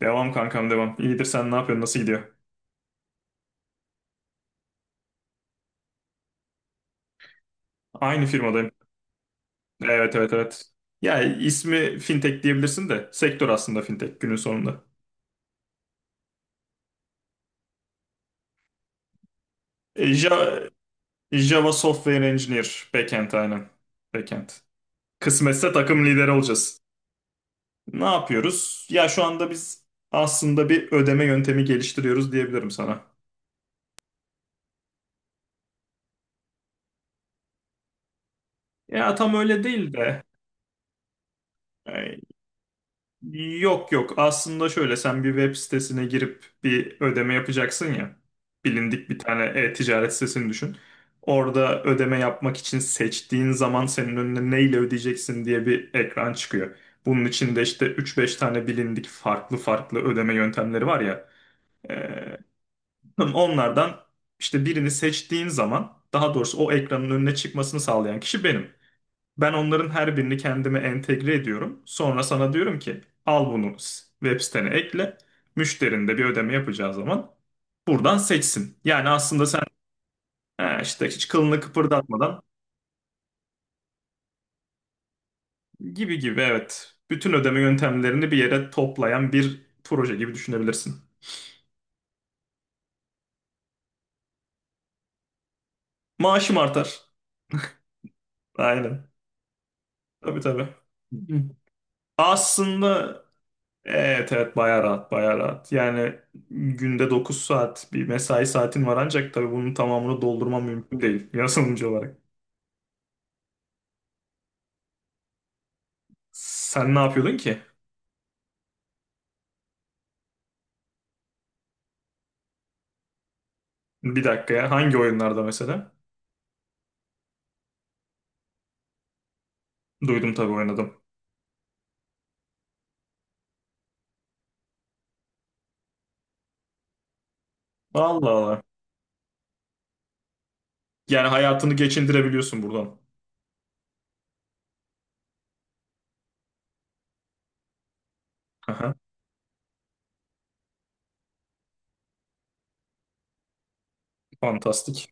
Devam kankam devam. İyidir sen ne yapıyorsun? Nasıl gidiyor? Aynı firmadayım. Evet evet evet. Ya ismi fintech diyebilirsin de sektör aslında fintech günün sonunda. E, Java, Java Software Engineer backend aynen. Backend. Kısmetse takım lideri olacağız. Ne yapıyoruz? Ya şu anda biz aslında bir ödeme yöntemi geliştiriyoruz diyebilirim sana. Ya tam öyle değil de e, Yok yok aslında şöyle sen bir web sitesine girip bir ödeme yapacaksın ya bilindik bir tane e-ticaret sitesini düşün. Orada ödeme yapmak için seçtiğin zaman senin önüne neyle ödeyeceksin diye bir ekran çıkıyor. Bunun içinde işte üç beş tane bilindik farklı farklı ödeme yöntemleri var ya. Ee, onlardan işte birini seçtiğin zaman daha doğrusu o ekranın önüne çıkmasını sağlayan kişi benim. Ben onların her birini kendime entegre ediyorum. Sonra sana diyorum ki al bunu web sitene ekle. Müşterin de bir ödeme yapacağı zaman buradan seçsin. Yani aslında sen "Ha işte hiç kılını kıpırdatmadan gibi gibi evet. Bütün ödeme yöntemlerini bir yere toplayan bir proje gibi düşünebilirsin. Maaşım artar. Aynen. Tabii tabii. Hı. Aslında evet evet bayağı rahat bayağı rahat. Yani günde 9 saat bir mesai saatin var ancak tabii bunun tamamını doldurman mümkün değil yazılımcı olarak. Sen ne yapıyordun ki? Bir dakika ya hangi oyunlarda mesela? Duydum tabii oynadım. Allah Allah. Yani hayatını geçindirebiliyorsun buradan. Aha, fantastik.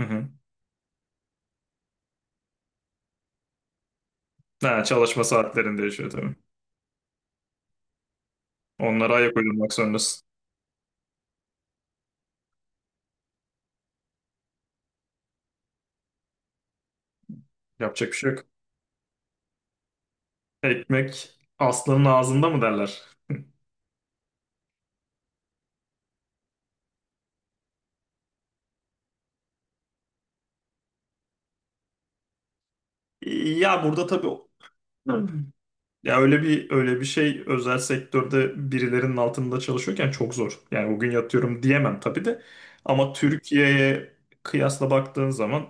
Hı hı. Ha, çalışma saatlerinde yaşıyor tabii. Onlara ayak uydurmak zorundasın. Yapacak bir şey yok. Ekmek aslanın ağzında mı derler? Ya burada tabii. Ya öyle bir şey özel sektörde birilerinin altında çalışıyorken çok zor. Yani bugün yatıyorum diyemem tabii de. Ama Türkiye'ye kıyasla baktığın zaman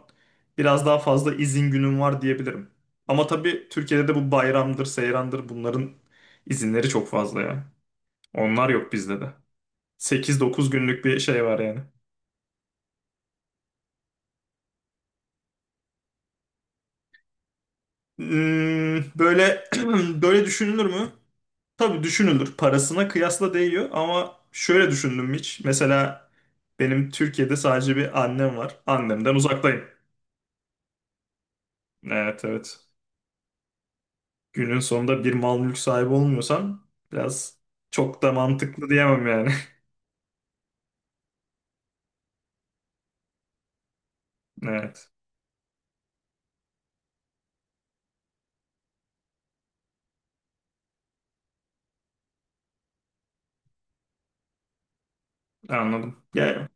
biraz daha fazla izin günüm var diyebilirim. Ama tabii Türkiye'de de bu bayramdır, seyrandır bunların izinleri çok fazla ya. Onlar yok bizde de. Sekiz dokuz günlük bir şey var yani. Böyle böyle düşünülür mü? Tabii düşünülür. Parasına kıyasla değiyor ama şöyle düşündüm hiç. Mesela benim Türkiye'de sadece bir annem var. Annemden uzaktayım. Evet evet. Günün sonunda bir mal mülk sahibi olmuyorsan biraz çok da mantıklı diyemem yani. Evet, anladım. Ya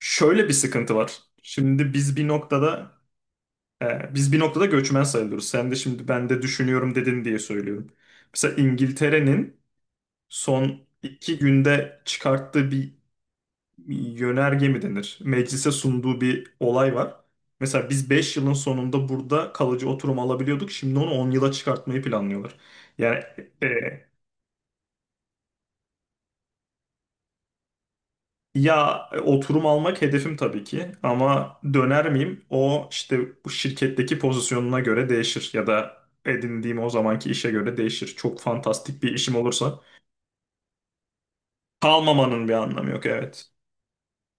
şöyle bir sıkıntı var. Şimdi biz bir noktada göçmen sayılıyoruz. Sen de şimdi ben de düşünüyorum dedin diye söylüyorum. Mesela İngiltere'nin son 2 günde çıkarttığı bir yönerge mi denir? Meclise sunduğu bir olay var. Mesela biz 5 yılın sonunda burada kalıcı oturum alabiliyorduk. Şimdi onu 10 yıla çıkartmayı planlıyorlar. Yani e, ya oturum almak hedefim tabii ki ama döner miyim? O işte bu şirketteki pozisyonuna göre değişir ya da edindiğim o zamanki işe göre değişir. Çok fantastik bir işim olursa kalmamanın bir anlamı yok evet.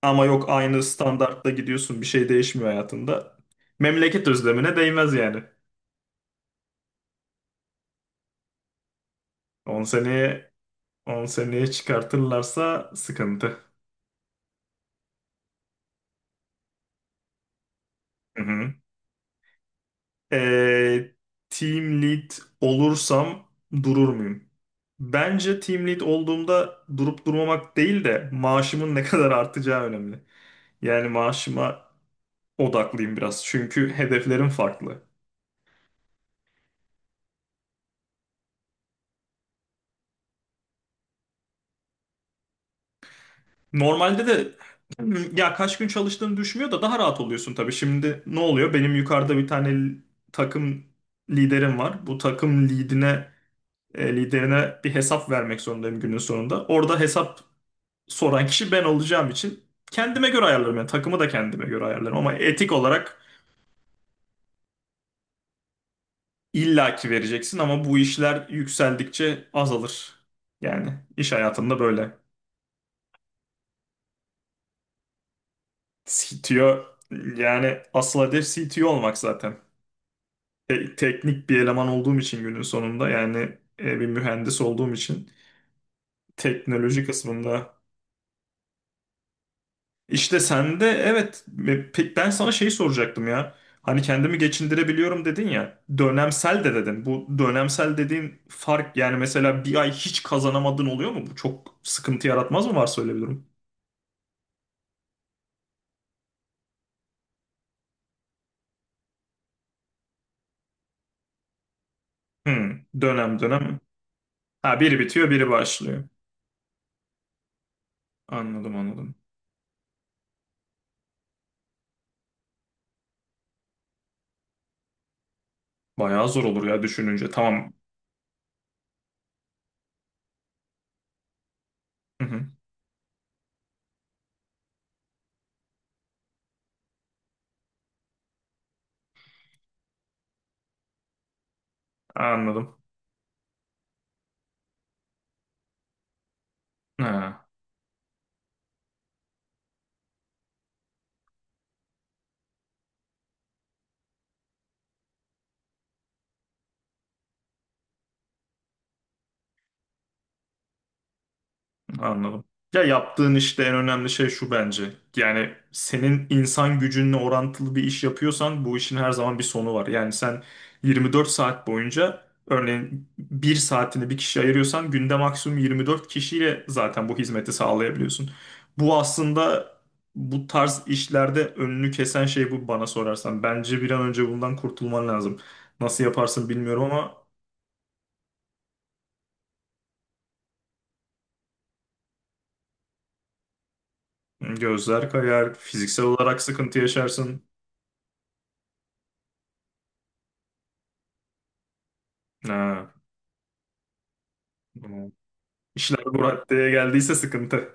Ama yok aynı standartta gidiyorsun bir şey değişmiyor hayatında. Memleket özlemine değmez yani. 10 seneye 10 seneye çıkartırlarsa sıkıntı. Hı hı. Ee, team lead olursam durur muyum? Bence team lead olduğumda durup durmamak değil de maaşımın ne kadar artacağı önemli. Yani maaşıma odaklıyım biraz. Çünkü hedeflerim farklı. Normalde de ya kaç gün çalıştığını düşmüyor da daha rahat oluyorsun tabii. Şimdi ne oluyor? Benim yukarıda bir tane takım liderim var. Bu takım liderine bir hesap vermek zorundayım günün sonunda. Orada hesap soran kişi ben olacağım için kendime göre ayarlarım. Yani takımı da kendime göre ayarlarım ama etik olarak illaki vereceksin ama bu işler yükseldikçe azalır. Yani iş hayatında böyle. CTO yani asıl hedef CTO olmak zaten. Teknik bir eleman olduğum için günün sonunda yani bir mühendis olduğum için teknoloji kısmında. İşte sen de evet pek ben sana şeyi soracaktım ya. Hani kendimi geçindirebiliyorum dedin ya. Dönemsel de dedin. Bu dönemsel dediğin fark yani mesela bir ay hiç kazanamadın oluyor mu? Bu çok sıkıntı yaratmaz mı varsa öyle bir durum? Hmm, dönem dönem. Ha biri bitiyor biri başlıyor. Anladım anladım. Bayağı zor olur ya düşününce. Tamam. Hı hı, anladım. Ha. Anladım. Ya yaptığın işte en önemli şey şu bence. Yani senin insan gücünle orantılı bir iş yapıyorsan bu işin her zaman bir sonu var. Yani sen 24 saat boyunca örneğin bir saatini bir kişiye ayırıyorsan günde maksimum 24 kişiyle zaten bu hizmeti sağlayabiliyorsun. Bu aslında bu tarz işlerde önünü kesen şey bu bana sorarsan. Bence bir an önce bundan kurtulman lazım. Nasıl yaparsın bilmiyorum ama gözler kayar, fiziksel olarak sıkıntı yaşarsın. Ha. Tamam. İşler bu raddeye geldiyse sıkıntı.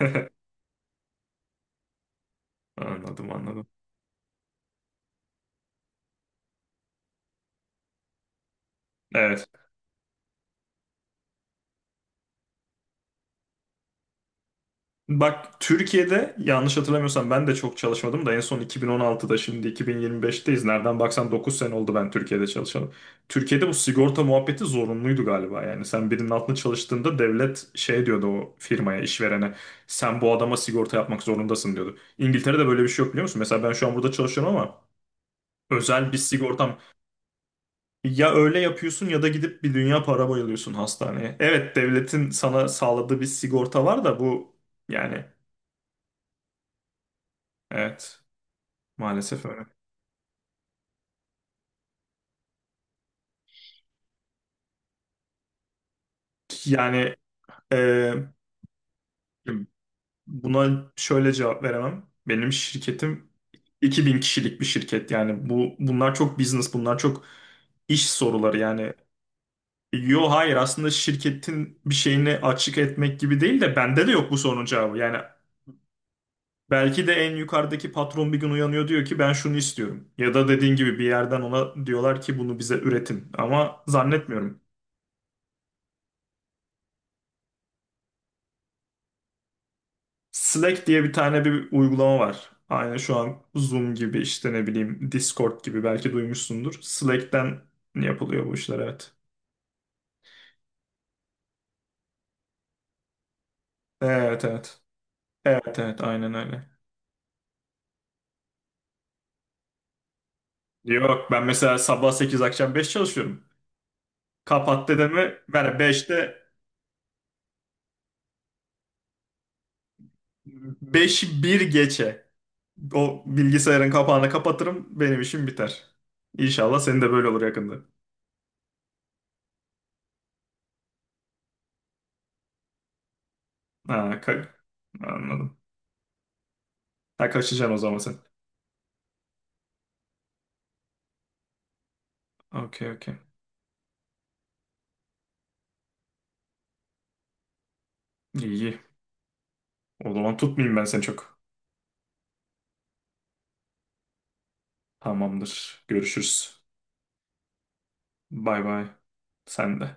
Anladım anladım. Evet. Bak Türkiye'de yanlış hatırlamıyorsam ben de çok çalışmadım da en son 2016'da şimdi 2025'teyiz. Nereden baksan 9 sene oldu ben Türkiye'de çalışalım. Türkiye'de bu sigorta muhabbeti zorunluydu galiba yani. Sen birinin altında çalıştığında devlet şey diyordu o firmaya, işverene. Sen bu adama sigorta yapmak zorundasın diyordu. İngiltere'de böyle bir şey yok biliyor musun? Mesela ben şu an burada çalışıyorum ama özel bir sigortam. Ya öyle yapıyorsun ya da gidip bir dünya para bayılıyorsun hastaneye. Evet devletin sana sağladığı bir sigorta var da bu yani evet maalesef öyle. Yani e, buna şöyle cevap veremem. Benim şirketim 2.000 kişilik bir şirket yani bunlar çok business bunlar çok iş soruları yani. Yo hayır aslında şirketin bir şeyini açık etmek gibi değil de bende de yok bu sorunun cevabı. Yani belki de en yukarıdaki patron bir gün uyanıyor diyor ki ben şunu istiyorum. Ya da dediğin gibi bir yerden ona diyorlar ki bunu bize üretin. Ama zannetmiyorum. Slack diye bir tane bir uygulama var. Aynı şu an Zoom gibi işte ne bileyim Discord gibi belki duymuşsundur. Slack'ten yapılıyor bu işler evet. Evet evet. Evet evet aynen öyle. Yok ben mesela sabah 8 akşam 5 çalışıyorum. Kapat dedemi ben beşte 5 bir geçe. O bilgisayarın kapağını kapatırım. Benim işim biter. İnşallah senin de böyle olur yakında. Ha, anladım. Ha kaçacaksın o zaman sen. Okey okey. İyi iyi. O zaman tutmayayım ben seni çok. Tamamdır. Görüşürüz. Bay bay. Sen de.